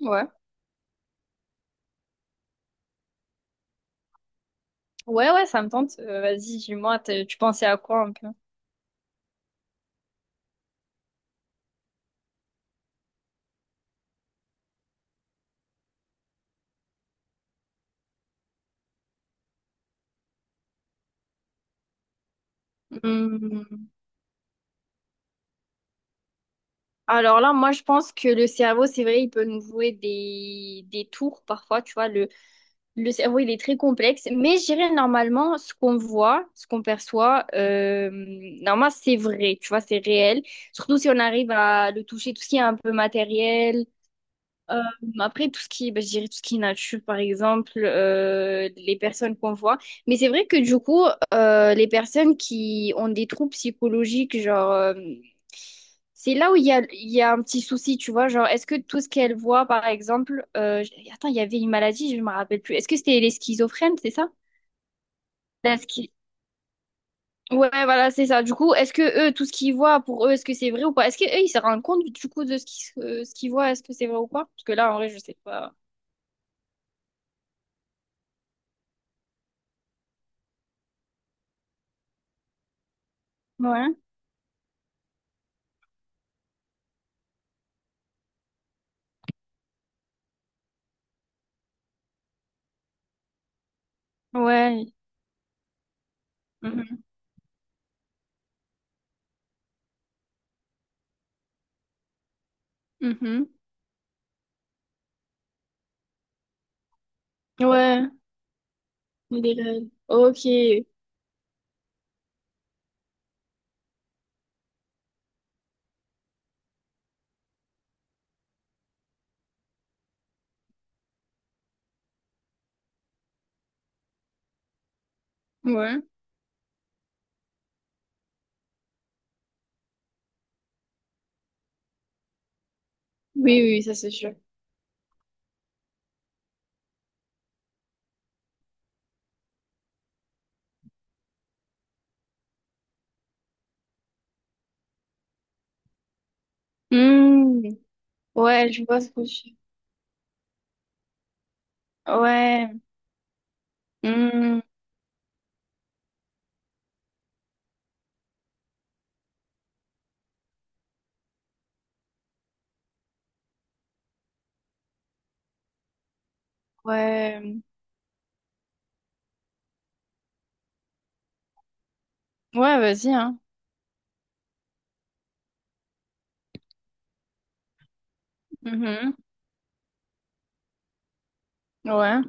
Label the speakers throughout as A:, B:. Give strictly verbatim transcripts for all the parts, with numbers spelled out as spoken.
A: Ouais. Ouais, ouais, ça me tente. Euh, vas-y, dis-moi, t'es- tu pensais à quoi un peu? Hmm. Alors là, moi, je pense que le cerveau, c'est vrai, il peut nous jouer des, des tours parfois, tu vois. Le, le cerveau, il est très complexe, mais je dirais normalement, ce qu'on voit, ce qu'on perçoit, euh, normalement, c'est vrai, tu vois, c'est réel. Surtout si on arrive à le toucher, tout ce qui est un peu matériel. Euh, Après, tout ce qui, bah, je dirais tout ce qui est nature, par exemple, euh, les personnes qu'on voit. Mais c'est vrai que du coup, euh, les personnes qui ont des troubles psychologiques, genre, euh, c'est là où il y a, il y a un petit souci, tu vois. Genre, est-ce que tout ce qu'elles voient, par exemple, euh, je- attends, il y avait une maladie, je me rappelle plus. Est-ce que c'était les schizophrènes, c'est ça? La schi- Ouais, voilà, c'est ça. Du coup, est-ce que eux, tout ce qu'ils voient, pour eux, est-ce que c'est vrai ou pas? Est-ce que eux, ils se rendent compte du coup de ce qu'ils euh, ce qu'ils voient, est-ce que c'est vrai ou pas? Parce que là, en vrai, je sais pas. Ouais. Ouais. Mhm, mhm. Ouais, des règles. Ok. Ouais. Oui, oui, ça c'est sûr. Hmm. Ouais, je vois ce que je... Ouais. Hmm. Ouais. Ouais, vas-y, hein. Mhm. Ouais.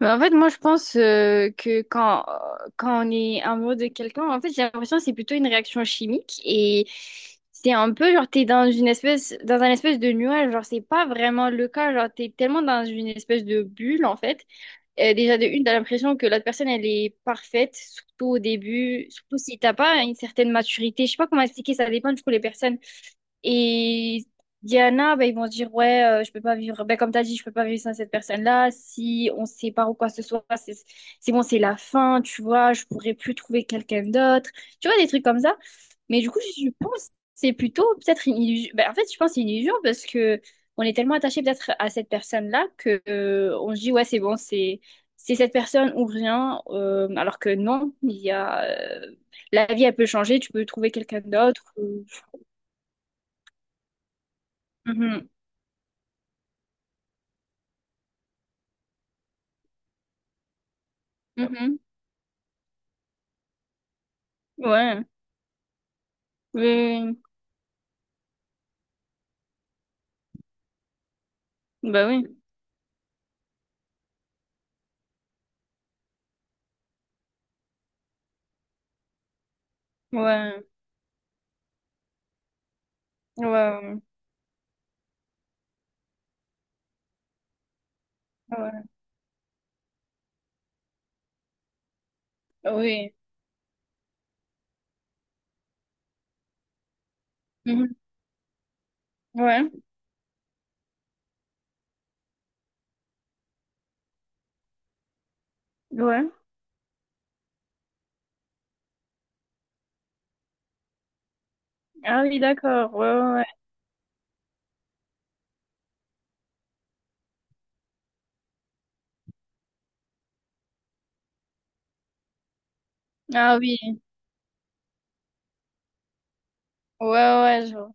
A: Mais en fait, moi, je pense euh, que quand, quand on est amoureux de quelqu'un, en fait, j'ai l'impression que c'est plutôt une réaction chimique et c'est un peu genre, t'es dans une espèce, dans un espèce de nuage. Genre, c'est pas vraiment le cas. Genre, t'es tellement dans une espèce de bulle, en fait. Euh, déjà, de une, t'as l'impression que l'autre personne, elle est parfaite, surtout au début, surtout si t'as pas une certaine maturité. Je sais pas comment expliquer, ça dépend du coup les personnes. Et il y en a, ben, ils vont se dire, ouais, euh, je peux pas vivre, ben, comme tu as dit, je peux pas vivre sans cette personne-là. Si on se sépare ou quoi que ce soit, c'est c'est bon, c'est la fin, tu vois, je pourrais plus trouver quelqu'un d'autre. Tu vois, des trucs comme ça. Mais du coup, je pense que c'est plutôt peut-être une illusion. Ben, en fait, je pense que c'est une illusion parce que on est tellement attaché peut-être à cette personne-là que euh, on se dit, ouais, c'est bon, c'est c'est cette personne ou rien. Euh, alors que non, il y a euh, la vie, elle peut changer, tu peux trouver quelqu'un d'autre. ou- Mhm. Mhm. Ouais, oui, oui, bah oui, ouais, ouais, ouais, ouais, oui. Mhm. Ouais, ouais, ah oui, d'accord, ouais, ouais, ouais. Ah oui, ouais, ouais, genre,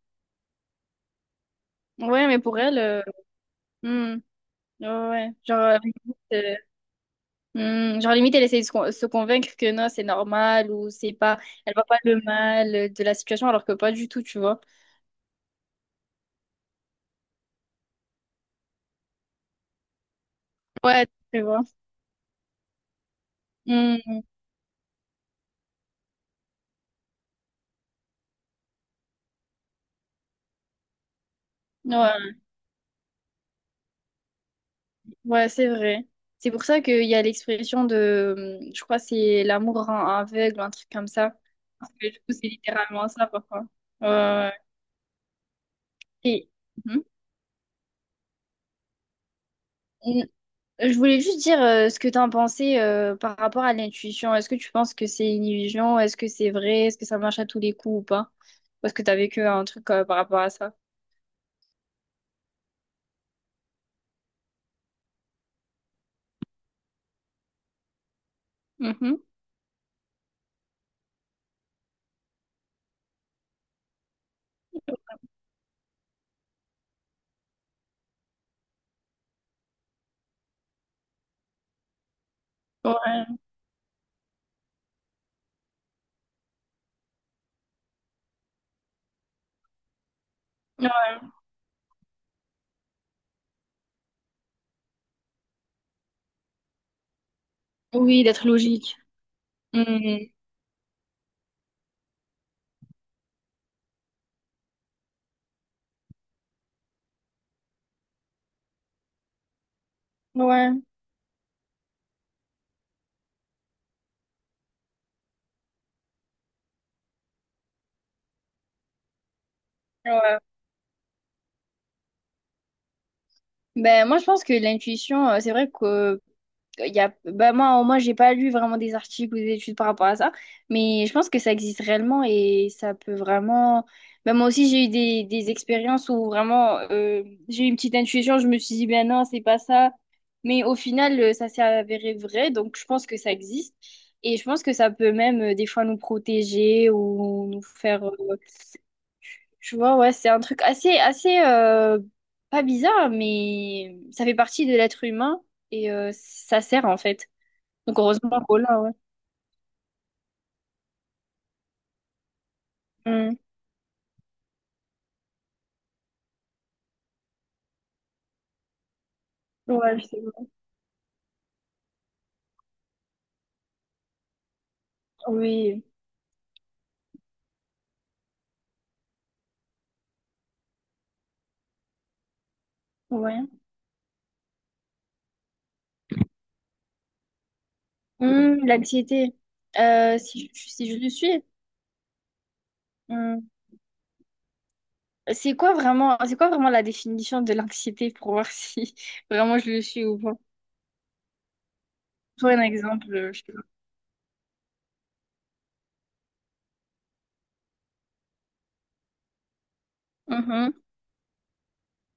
A: ouais, mais pour elle, euh, hmm, ouais, ouais. Genre, euh, limite, euh, hmm, genre, limite, elle essaie de se, con- se convaincre que non, c'est normal, ou c'est pas, elle voit pas le mal euh, de la situation, alors que pas du tout, tu vois, ouais, tu vois. Hmm, ouais. Ouais, c'est vrai. C'est pour ça qu'il y a l'expression de, hum, je crois, que c'est l'amour rend aveugle, ou un truc comme ça. Parce que du coup, c'est littéralement ça, parfois. Euh, et, Mhm. N- Je voulais juste dire euh, ce que tu en pensais euh, par rapport à l'intuition. Est-ce que tu penses que c'est une illusion? Est-ce que c'est vrai? Est-ce que ça marche à tous les coups ou pas? Ou est-ce que tu as vécu un truc euh, par rapport à ça? Mhm. Ouais. Ouais. Oui, d'être logique. Mhm. Ouais. Ouais. Ben, moi, je pense que l'intuition, euh, c'est vrai que il y a, bah moi, moi, j'ai pas lu vraiment des articles ou des études par rapport à ça, mais je pense que ça existe réellement et ça peut vraiment. Bah, moi aussi, j'ai eu des, des expériences où vraiment euh, j'ai eu une petite intuition, je me suis dit, ben non, c'est pas ça. Mais au final, euh, ça s'est avéré vrai, donc je pense que ça existe. Et je pense que ça peut même euh, des fois nous protéger ou nous faire. Euh, je vois, ouais, c'est un truc assez, assez euh, pas bizarre, mais ça fait partie de l'être humain et euh, ça sert en fait. Donc heureusement qu'on l'a, ouais. Mm. Ouais, je sais pas. Oui, ouais. Mm, l'anxiété. Euh, si je, si je le suis. Mm. C'est quoi vraiment, c'est quoi vraiment la définition de l'anxiété pour voir si vraiment je le suis ou pas? Toi, un exemple, euh, je sais pas. Mhm.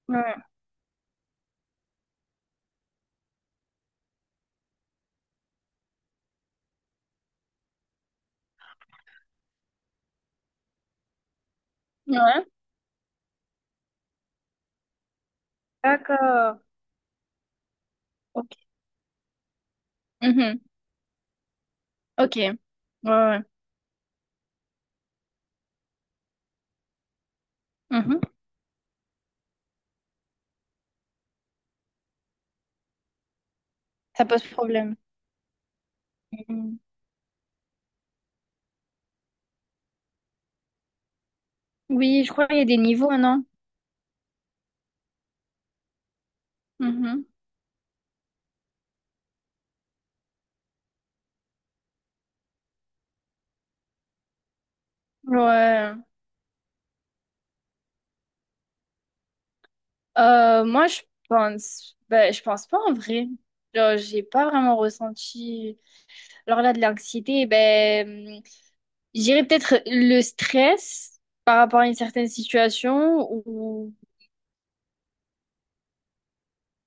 A: Ouais. Ouais. D'accord. Ok. Mhm. Ok. Ouais, ouais. Mhm. Ça pose problème. Mhm. Oui, je crois qu'il y a des niveaux, non? Mhm. Ouais. Euh, moi, je pense, ben, je pense pas en vrai. Genre, j'ai pas vraiment ressenti. Alors là, de l'anxiété, ben, j'irais peut-être le stress par rapport à une certaine situation ou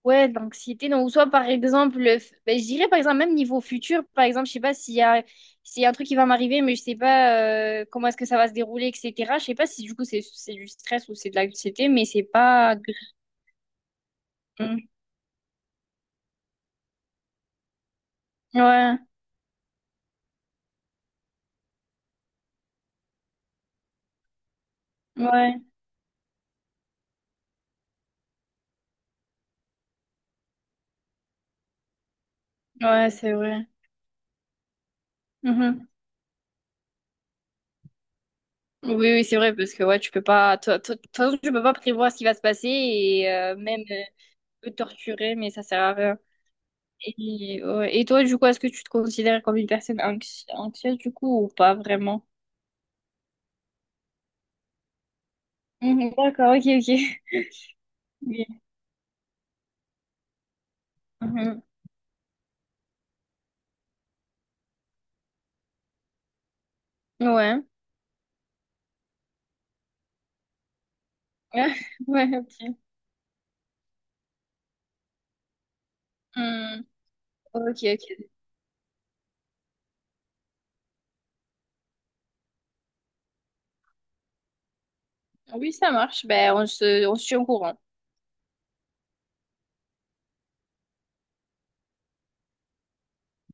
A: ouais, de l'anxiété. Donc, soit par exemple, le f- ben, je dirais par exemple même niveau futur, par exemple, je sais pas s'il y a s'il y a un truc qui va m'arriver, mais je sais pas euh, comment est-ce que ça va se dérouler, et cetera. Je sais pas si du coup c'est c'est du stress ou c'est de l'anxiété, mais c'est pas. gr- Mm. Ouais, ouais, ouais, c'est vrai. Mm-hmm. Oui, oui, c'est vrai, parce que ouais, tu peux pas. toi- toi- De toute façon, tu peux pas prévoir ce qui va se passer et euh, même euh, peut te torturer, mais ça sert à rien. Et, ouais. Et toi, du coup, est-ce que tu te considères comme une personne anxi- anxieuse, du coup, ou pas vraiment? Mhm, d'accord, ok, ok. Oui. Mhm. Ouais. Ouais, ok. Hmm, Ok, ok. Oui, ça marche. Ben, on se, on se tient au courant.